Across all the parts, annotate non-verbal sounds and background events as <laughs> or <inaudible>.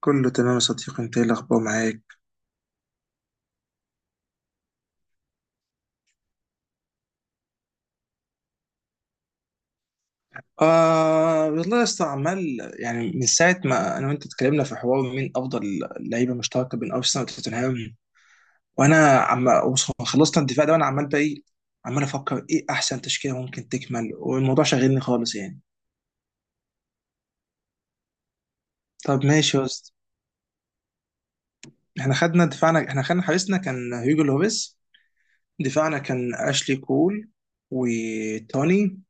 كله تمام يا صديقي، انت ايه الاخبار معاك؟ آه والله يا اسطى، عمال يعني من ساعه ما انا وانت اتكلمنا في حوار مين افضل لعيبه مشتركه بين ارسنال وتوتنهام، وانا خلصنا الدفاع ده، وانا عمال بقى ايه، عمال افكر ايه احسن تشكيله ممكن تكمل، والموضوع شاغلني خالص يعني. طب ماشي يا اسطى، احنا خدنا دفاعنا، احنا خدنا حارسنا كان هيجو لوبيس. دفاعنا كان اشلي كول وتوني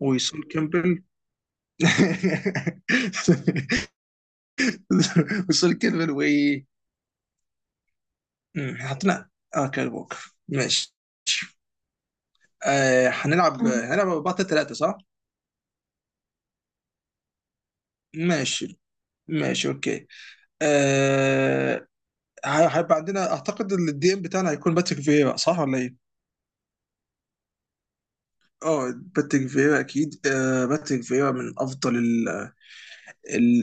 وسول كيمبل. <laughs> وسول كيمبل وايه؟ احنا حطينا. اه، كاري ووكر، ماشي. آه، هنلعب بطل ثلاثة، صح؟ ماشي، ماشي، اوكي، آه. هيبقى عندنا، اعتقد إن الدي ام بتاعنا هيكون باتريك فيرا، صح ولا ايه؟ اه، باتريك فيرا اكيد، آه، باتريك فيرا من افضل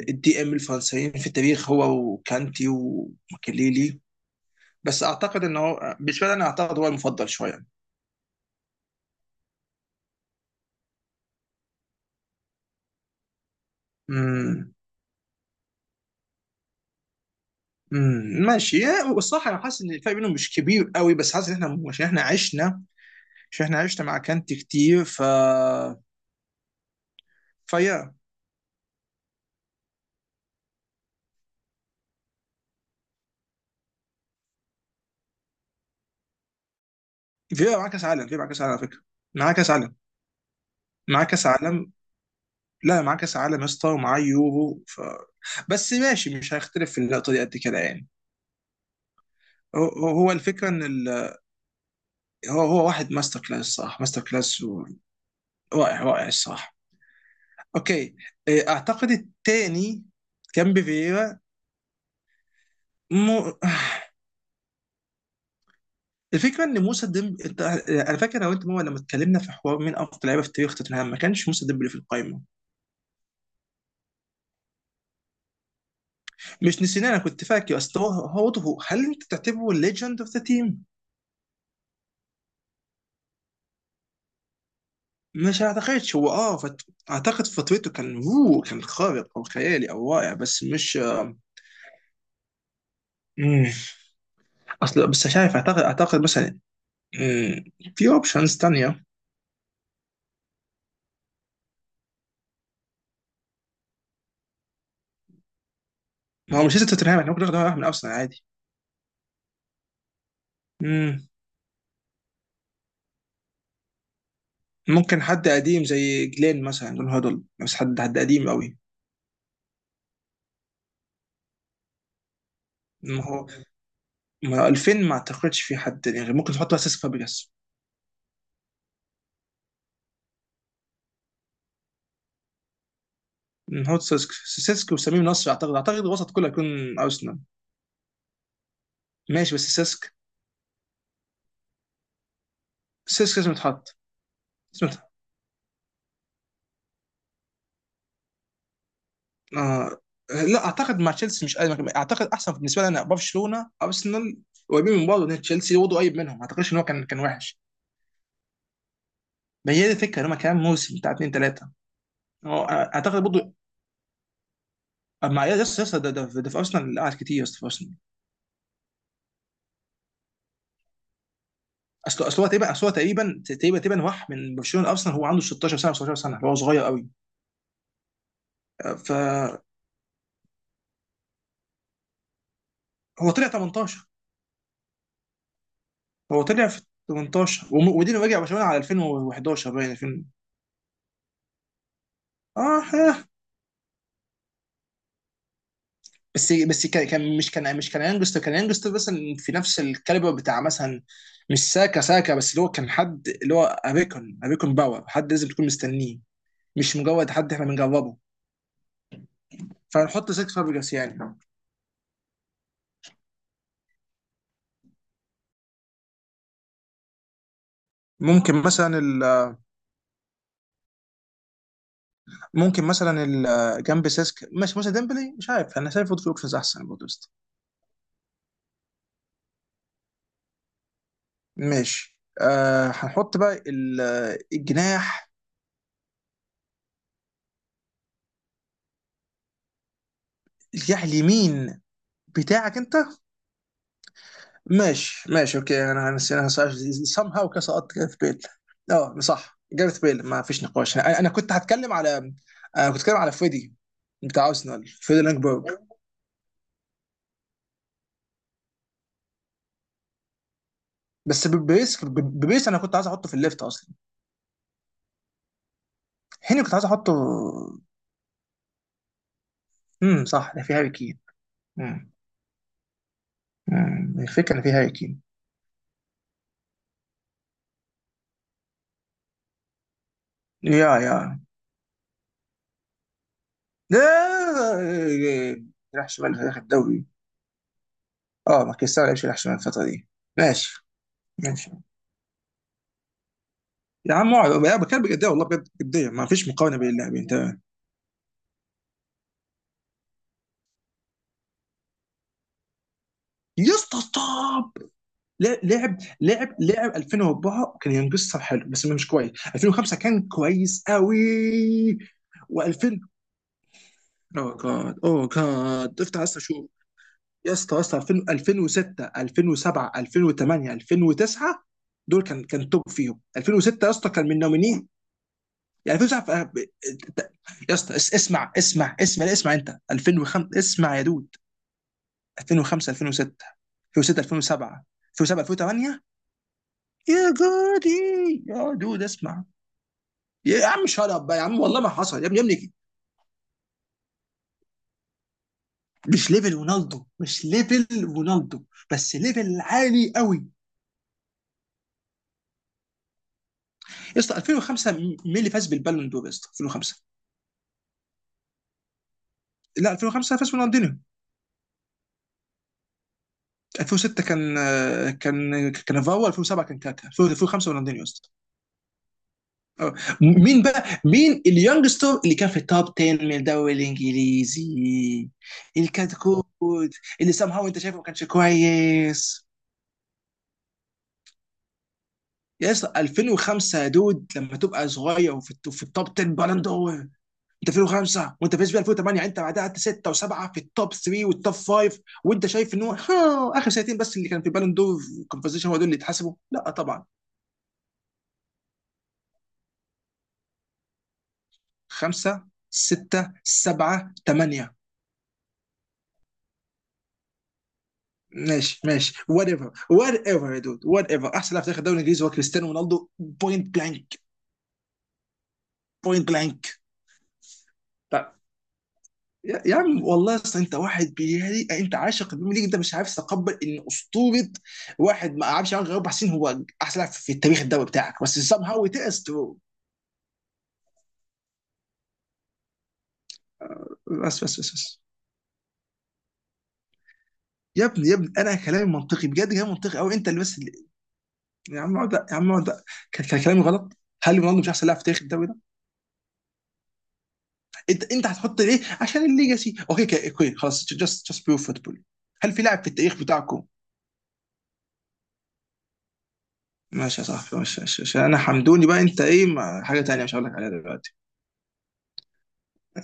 الدي ام الفرنسيين في التاريخ، هو وكانتي وماكليلي. بس اعتقد ان هو بالنسبه لي، انا اعتقد هو المفضل شويه. امم والصراحه انا حاسس ان الفرق بينهم مش كبير قوي، بس حاسس ان احنا عشان احنا عشنا مع كانتي كتير، ف فيا فيا معاه كاس عالم، فيا معاه كاس عالم على فكره. معاه كاس عالم، معاه كاس عالم، لا معاه كاس عالم يا اسطى، ومعاه يورو، ف... بس ماشي، مش هيختلف في النقطه دي قد كده يعني. هو الفكره ان ال... هو واحد ماستر كلاس، صح، ماستر كلاس، و... رائع، رائع الصراحه. اوكي. إيه، اعتقد التاني كان بفييرا. مو... <sighs> الفكره ان موسى ديمبلي، انت. انا فاكر لو انت ماما لما اتكلمنا في حوار مين افضل لعيبه في تاريخ توتنهام، ما كانش موسى ديمبلي في القائمه. مش نسيناه، انا كنت فاكر. اصل هل انت تعتبره ليجند اوف ذا تيم؟ مش اعتقدش، هو اعتقد فترته كان، هو كان خارق او خيالي او رائع، بس مش آه، مم. اصل بس مش عارف، اعتقد مثلا، مم، في اوبشنز تانية. ما هو مش لازم توتنهام، احنا ممكن ناخد واحد من ارسنال عادي. مم. ممكن حد قديم زي جلين مثلا، جون هودل، بس حد قديم قوي. ما هو ما هو 2000 ما اعتقدش في حد يعني، ممكن تحط اساس فابريجاس. هو سيسك وسمير نصر، اعتقد الوسط كله هيكون ارسنال. ماشي، بس سيسك، سيسك لازم يتحط. لازم يتحط. آه. لا، اعتقد مع تشيلسي مش قادم، اعتقد احسن بالنسبه لي انا برشلونه، ارسنال قريبين من بعض، لان تشيلسي برضه قريب منهم، ما اعتقدش ان هو كان وحش. ما هي دي الفكره، ان هم كمان موسم بتاع اثنين ثلاثه. اعتقد برضه. يا اسطى، يا اسطى، ده في ارسنال اللي قعد كتير يا اسطى، في ارسنال. اصل اصل هو تقريبا اصل هو تقريبا تقريبا تقريبا راح من برشلونه ارسنال، هو عنده 16 سنه، 17 سنه، هو صغير قوي. آه، فهو طلع 18 هو طلع في 18، ودينا، رجع برشلونه على 2011، باين 2000. اه، ها. بس مش كان يانجستر، كان يانجستر مثلا في نفس الكاليبر بتاع مثلا مش ساكا، ساكا، بس اللي هو كان حد، اللي هو اريكون باور، حد لازم تكون مستنيه، مش مجرد حد احنا بنجربه، فنحط سيسك فابريجاس يعني. ممكن مثلا ال ممكن مثلا ال جنب سيسك، ماشي، مثلا ديمبلي، مش عارف، انا شايف في اوبشنز احسن برضه بس. ماشي، آه، هنحط بقى الجناح، الجناح اليمين بتاعك انت. ماشي، ماشي، اوكي، انا نسيناها، سام هاو كده سقطت جاريث بيل. اه، صح، جاريث بيل ما فيش نقاش. انا كنت هتكلم على، انا كنت هتكلم على فريدي بتاع ارسنال، فريدي لانجبرج. بس ببيس، انا كنت عايز احطه في الليفت اصلا. هني كنت عايز احطه. صح، ده في هاري كين. امم الفكره ان في هاري كين. يا يا لا، راح شمال في اخر الدوري. اه، ما كريستيانو ما لعبش، راح شمال الفتره دي. ماشي. ماشي يا عم، اقعد، أنا بتكلم بجديه، والله بجد جديه، ما فيش مقارنه بين اللاعبين، تمام. يا اسطى، ستوب. لعب 2004 كان ينقصها حلو بس مش كويس، 2005 كان كويس قوي، و2000... اوه جاد، اوه جاد، افتح بس شوف. يا اسطى، يا اسطى، 2000، 2006، 2007، 2008، 2009 دول كان توب، فيهم 2006 يا اسطى كان من نومينيه. يعني 2009، يا اسطى اسمع، لا اسمع، انت 2005، اسمع يا دود، 2005، 2006، 2006، 2007، 2007، 2008. يا جودي، يا دود، اسمع. يا عم شut up بقى يا عم، والله ما حصل، يا ابني، يا ابني، مش ليفل رونالدو، مش ليفل رونالدو، بس ليفل عالي قوي. يا اسطى 2005، مين اللي فاز بالبالون دور يا اسطى 2005؟ لا، 2005 فاز رونالدينيو. 2006 كان فاو، 2007 كان كاكا، 2005 رونالدينيو يا اسطى. آه. مين بقى، مين اليونجستر اللي كان في التوب 10 من الدوري الانجليزي، اللي كان كود، اللي سام هاو انت شايفه ما كانش كويس؟ يا اسطى 2005، يا دود، لما تبقى صغير وفي الت- في التوب 10 بالون دور، انت 2005 وانت فايز بيها 2008، انت بعدها قعدت 6 و7 في التوب 3 والتوب 5، وانت شايف ان هو <laughs> ها، اخر سنتين بس اللي كان في بالون دور كونفرزيشن، هو دول اللي اتحسبوا؟ لا طبعا. 5، 6، 7، 8. ماشي، ماشي، وات ايفر، وات ايفر يا دود، وات ايفر، احسن لاعب في تاريخ الدوري الانجليزي هو كريستيانو رونالدو، بوينت بلانك. بوينت بلانك. طب، يا عم، والله، اصل انت واحد بيهري، انت عاشق البريمير ليج، انت مش عارف تتقبل ان اسطوره، واحد ما قعدش عنه غير 4 سنين، هو احسن لاعب في التاريخ الدوري بتاعك، بس سام هاو تقس. بس، يا ابني، يا ابني، انا كلامي منطقي بجد، كلامي منطقي قوي، انت اللي بس اللي... يا عم اقعد، يا عم اقعد. كان كلامي غلط. هل رونالدو مش احسن لاعب في تاريخ الدوري ده؟ انت هتحط ليه، عشان الليجاسي؟ اوكي كده، اوكي خلاص، جاست بيور فوتبول. هل في لاعب في التاريخ بتاعكم؟ ماشي يا صاحبي، ماشي، ماشي، عشان انا حمدوني بقى، انت ايه، ما حاجه تانية مش هقول لك عليها دلوقتي.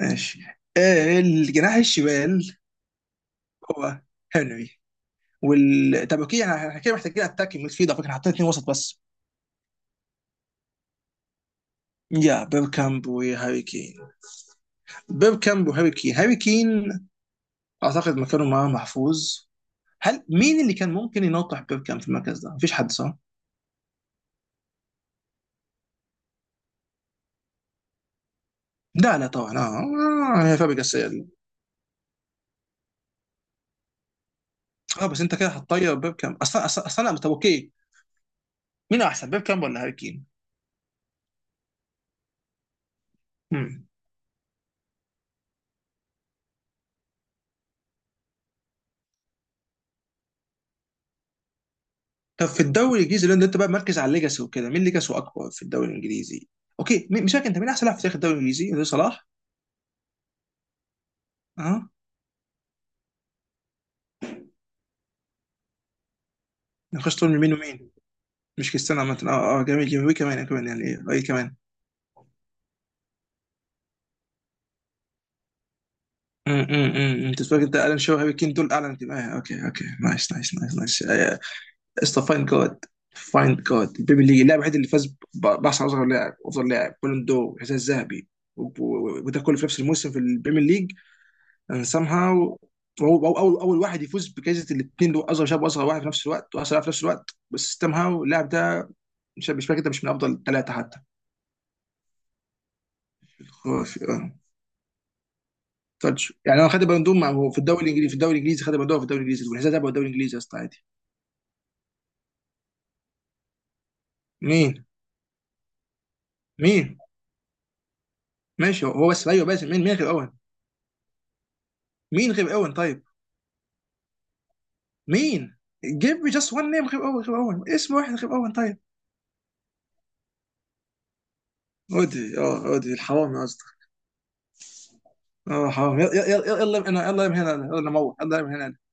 ماشي. الجناح الشمال. هو. هنري. طب اوكي، احنا كده محتاجين اتاك ميدفيلد، على فكره حاطين اتنين وسط بس. يا بيب كامب وهاري كين. بيب كامب وهاري كين، هاري كين اعتقد مكانه معاه محفوظ. هل مين اللي كان ممكن ينطح بيب كامب في المركز ده؟ مفيش حد، صح؟ لا، لا، طبعا، اه، هي فابريجاس السيئة دي. اه، بس انت كده هتطير بيبكام، اصلا، اصلا، اصلا. طب اوكي، مين احسن، بيبكام ولا هاري كين؟ مم. طب في الدوري الانجليزي، لان انت بقى مركز على الليجاسي وكده، مين ليجاسي اكبر في الدوري الانجليزي؟ اوكي مش فاكر، انت مين احسن لاعب في تاريخ الدوري الانجليزي؟ ده صلاح؟ اه. نخش تقول من مين ومين؟ مش كريستيانو عامة، اه، اه، جميل، جميل، كمان، كمان، يعني ايه، اي كمان. انت فاكر انت الان شو هاري كين دول اعلى انتماء؟ آه، اوكي، اوكي، نايس، نايس، نايس، نايس. اسطى فاين جاد. فاين جاد البيبي ليج، اللاعب الوحيد اللي فاز باحسن، اصغر لاعب، افضل لاعب، بالون دور، الحذاء الذهبي، وده كله في نفس الموسم في البريمير ليج. and somehow وهو هو اول اول واحد يفوز بجائزه الاثنين دول، اصغر شاب واصغر واحد في نفس الوقت، واصغر لاعب في نفس الوقت، بس somehow اللاعب ده مش فاكر ده مش من افضل ثلاثه حتى. آه. تاتش، يعني انا خدت بالون دور، هو في الدوري الانجليزي، في الدوري الانجليزي خد بالون دور، في الدوري الانجليزي والحذاء الذهبي، هو الدوري الانجليزي يا اسطى، عادي. مين مين. ماشي، هو بس، ايوه، بس مين غير اوين؟ مين غير اوين طيب؟ مين؟ give me just one name غير أوين، غير أوين، اسم واحد غير أوين طيب. عودي، اه، عودي الحرامي قصدك؟ اه، حرامي، يلا، يلا، يلا، يلا من هنا، يلا من هنا، يلا من هنا، يلا من هنا.